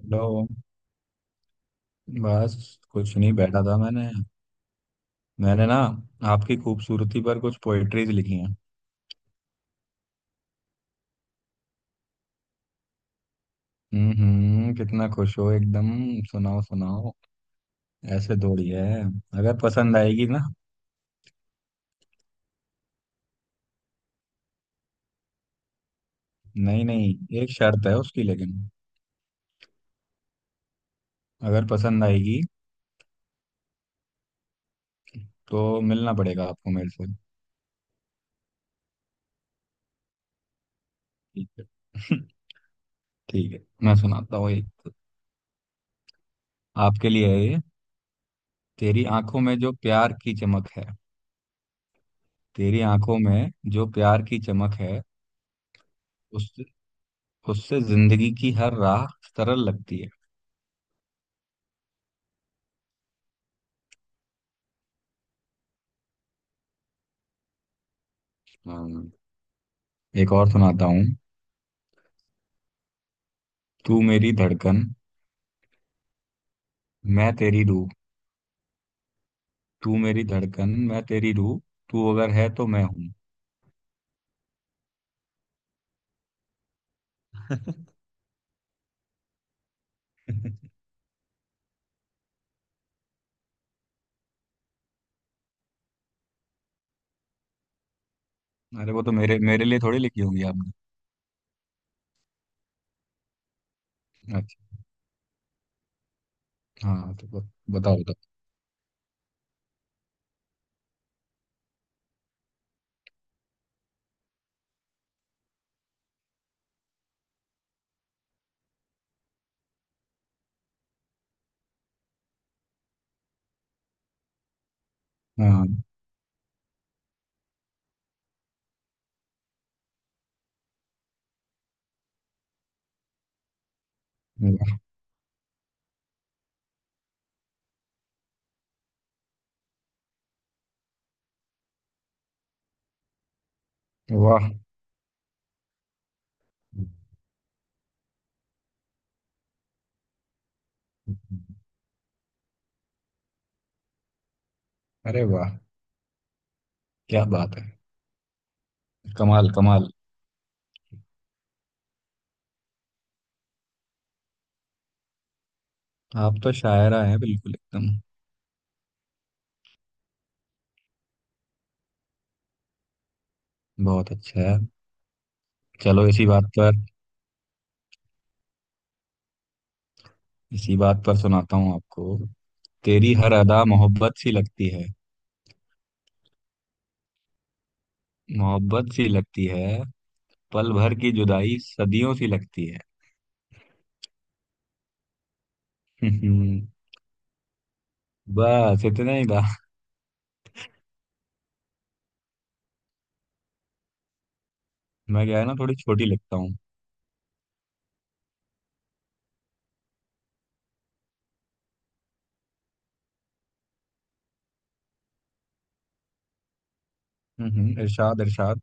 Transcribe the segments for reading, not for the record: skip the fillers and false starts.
Hello. बस। कुछ नहीं, बैठा था मैंने। मैंने ना, आपकी खूबसूरती पर कुछ पोएट्रीज लिखी हैं। हम्म, कितना खुश हो एकदम। सुनाओ सुनाओ। ऐसे थोड़ी है। अगर पसंद आएगी ना। नहीं नहीं, एक शर्त है उसकी लेकिन। अगर पसंद आएगी तो मिलना पड़ेगा आपको मेरे से। ठीक है। ठीक है। मैं सुनाता हूँ एक। आपके लिए है ये। तेरी आंखों में जो प्यार की चमक है। तेरी आंखों में जो प्यार की चमक है। उस उससे जिंदगी की हर राह सरल लगती है। हाँ, एक और सुनाता हूँ। तू मेरी धड़कन, मैं तेरी रूह। तू मेरी धड़कन, मैं तेरी रूह। तू अगर है तो मैं हूँ। अरे वो तो मेरे मेरे लिए थोड़ी लिखी होगी आपने। अच्छा। हाँ तो बताओ बताओ। हाँ। वाह। वाह। अरे वाह, क्या बात है। कमाल कमाल। आप तो शायरा हैं बिल्कुल एकदम। बहुत अच्छा है। चलो इसी बात पर। इसी बात पर सुनाता हूँ आपको। तेरी हर अदा मोहब्बत सी लगती है। मोहब्बत सी लगती है। पल भर की जुदाई सदियों सी लगती है। हम्म, बस इतना ही था। मैं क्या है ना थोड़ी छोटी लिखता हूँ। इरशाद इरशाद।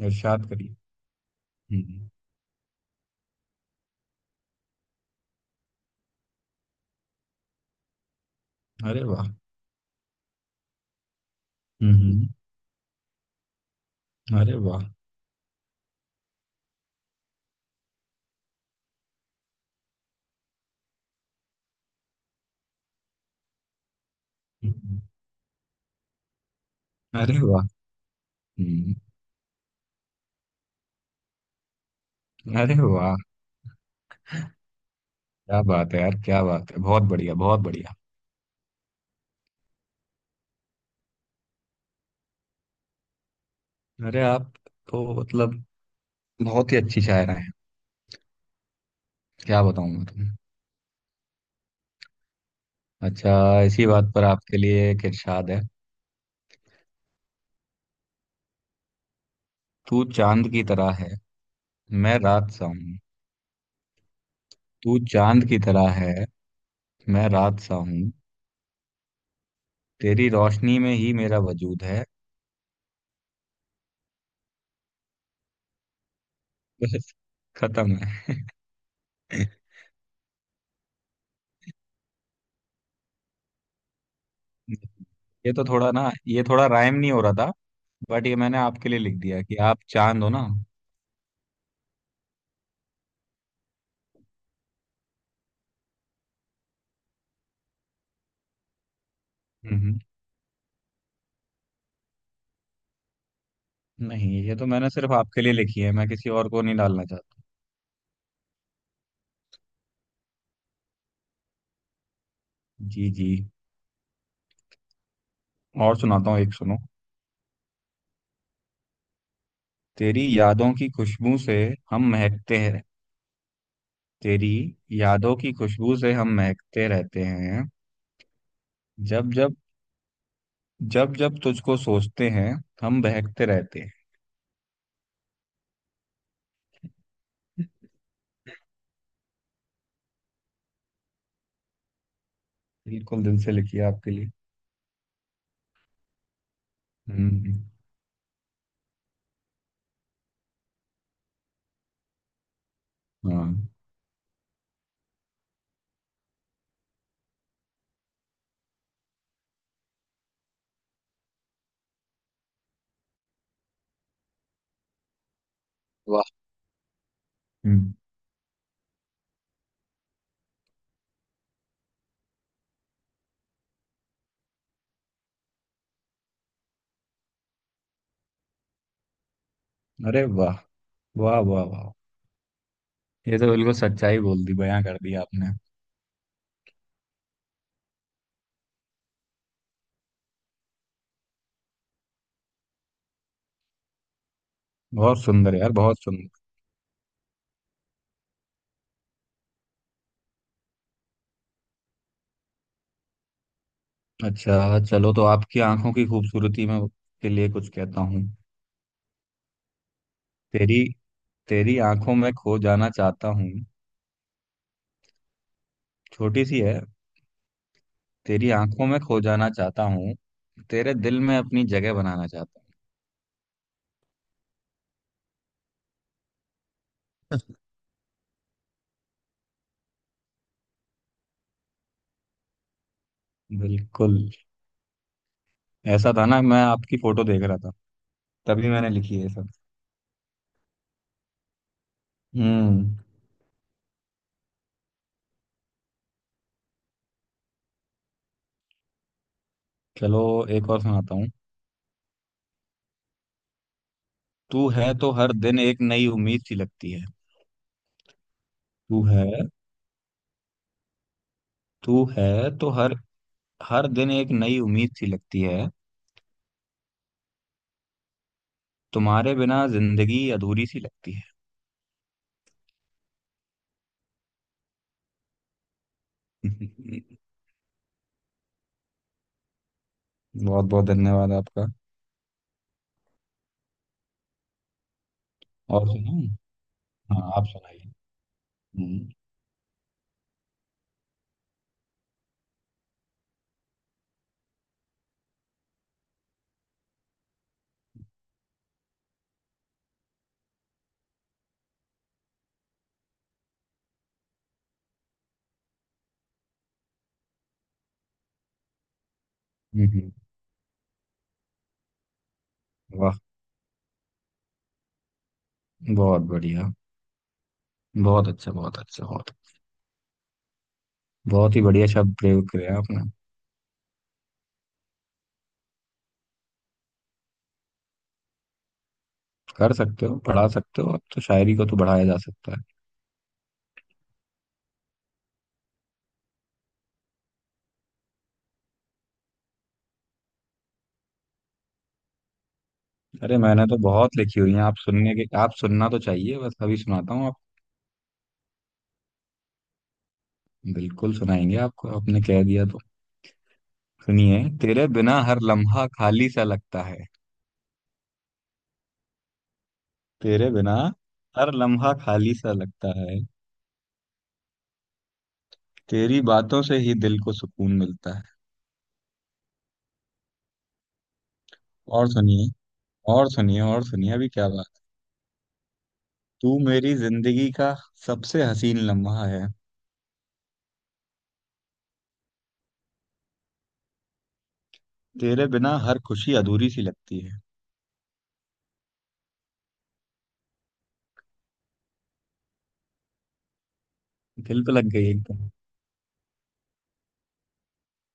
इरशाद करिए। हम्म। अरे वाह। हम्म। अरे वाह। हम्म। अरे वाह। हम्म। अरे वाह, क्या बात है यार, क्या बात है। बहुत बढ़िया, बहुत बढ़िया। अरे आप तो मतलब बहुत ही अच्छी शायरा हैं। क्या बताऊं मैं तुम्हें। अच्छा, इसी बात पर आपके लिए एक इरशाद है। तू चांद की तरह है, मैं रात सा हूँ। तू चांद की तरह है, मैं रात सा हूँ। तेरी रोशनी में ही मेरा वजूद है। बस खत्म है। ये तो थोड़ा ना, ये थोड़ा राइम नहीं हो रहा था। बट ये मैंने आपके लिए लिख दिया कि आप चांद हो ना। हम्म। नहीं, ये तो मैंने सिर्फ आपके लिए लिखी है, मैं किसी और को नहीं डालना चाहता। जी जी। और सुनाता हूँ एक, सुनो। तेरी यादों की खुशबू से हम महकते हैं। तेरी यादों की खुशबू से हम महकते रहते हैं। जब जब जब जब तुझको सोचते हैं, हम बहकते रहते हैं। बिल्कुल दिल से लिखी है आपके लिए। हम्म। हाँ। वाह। हम्म। अरे वाह। वाह वाह वाह। ये तो बिल्कुल सच्चाई बोल दी, बयां कर दी आपने। बहुत सुंदर यार, बहुत सुंदर। अच्छा चलो, तो आपकी आंखों की खूबसूरती में के लिए कुछ कहता हूँ। तेरी तेरी आंखों में खो जाना चाहता हूँ। छोटी सी है। तेरी आंखों में खो जाना चाहता हूँ। तेरे दिल में अपनी जगह बनाना चाहता हूँ। बिल्कुल। ऐसा था ना, मैं आपकी फोटो देख रहा था, तभी मैंने लिखी है ये सब। हम्म। चलो एक और सुनाता हूँ। तू है तो हर दिन एक नई उम्मीद सी लगती है। तू है तू है तो हर हर दिन एक नई उम्मीद सी लगती है। तुम्हारे बिना जिंदगी अधूरी सी लगती है। बहुत बहुत धन्यवाद आपका। और सुनाऊं? हाँ, आप सुनाइए। हम्म। हम्म। वाह, बहुत बढ़िया, बहुत अच्छा, बहुत अच्छा, बहुत बहुत ही बढ़िया शब्द प्रयोग करे आपने। कर सकते हो, पढ़ा सकते हो, अब तो शायरी को तो बढ़ाया जा सकता है। अरे मैंने तो बहुत लिखी हुई है, आप सुनने के, आप सुनना तो चाहिए। बस अभी सुनाता हूँ आप। बिल्कुल सुनाएंगे आपको, आपने कह दिया तो। सुनिए, तेरे बिना हर लम्हा खाली सा लगता है। तेरे बिना हर लम्हा खाली सा लगता है। तेरी बातों से ही दिल को सुकून मिलता है। और सुनिए, और सुनिए, और सुनिए अभी क्या बात। तू मेरी जिंदगी का सबसे हसीन लम्हा है। तेरे बिना हर खुशी अधूरी सी लगती है। दिल पे लग गई एकदम।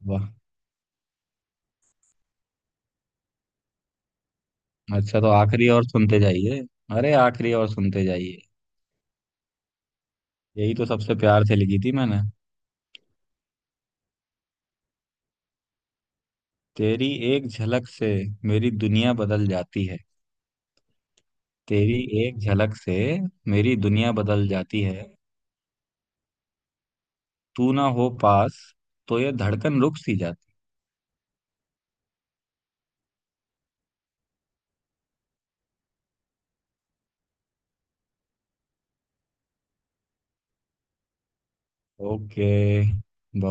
वाह। अच्छा, तो आखिरी और सुनते जाइए। अरे आखिरी और सुनते जाइए। यही तो सबसे प्यार से लिखी थी मैंने। तेरी एक झलक से मेरी दुनिया बदल जाती है। तेरी एक झलक से मेरी दुनिया बदल जाती है। तू ना हो पास तो ये धड़कन रुक सी जाती। ओके।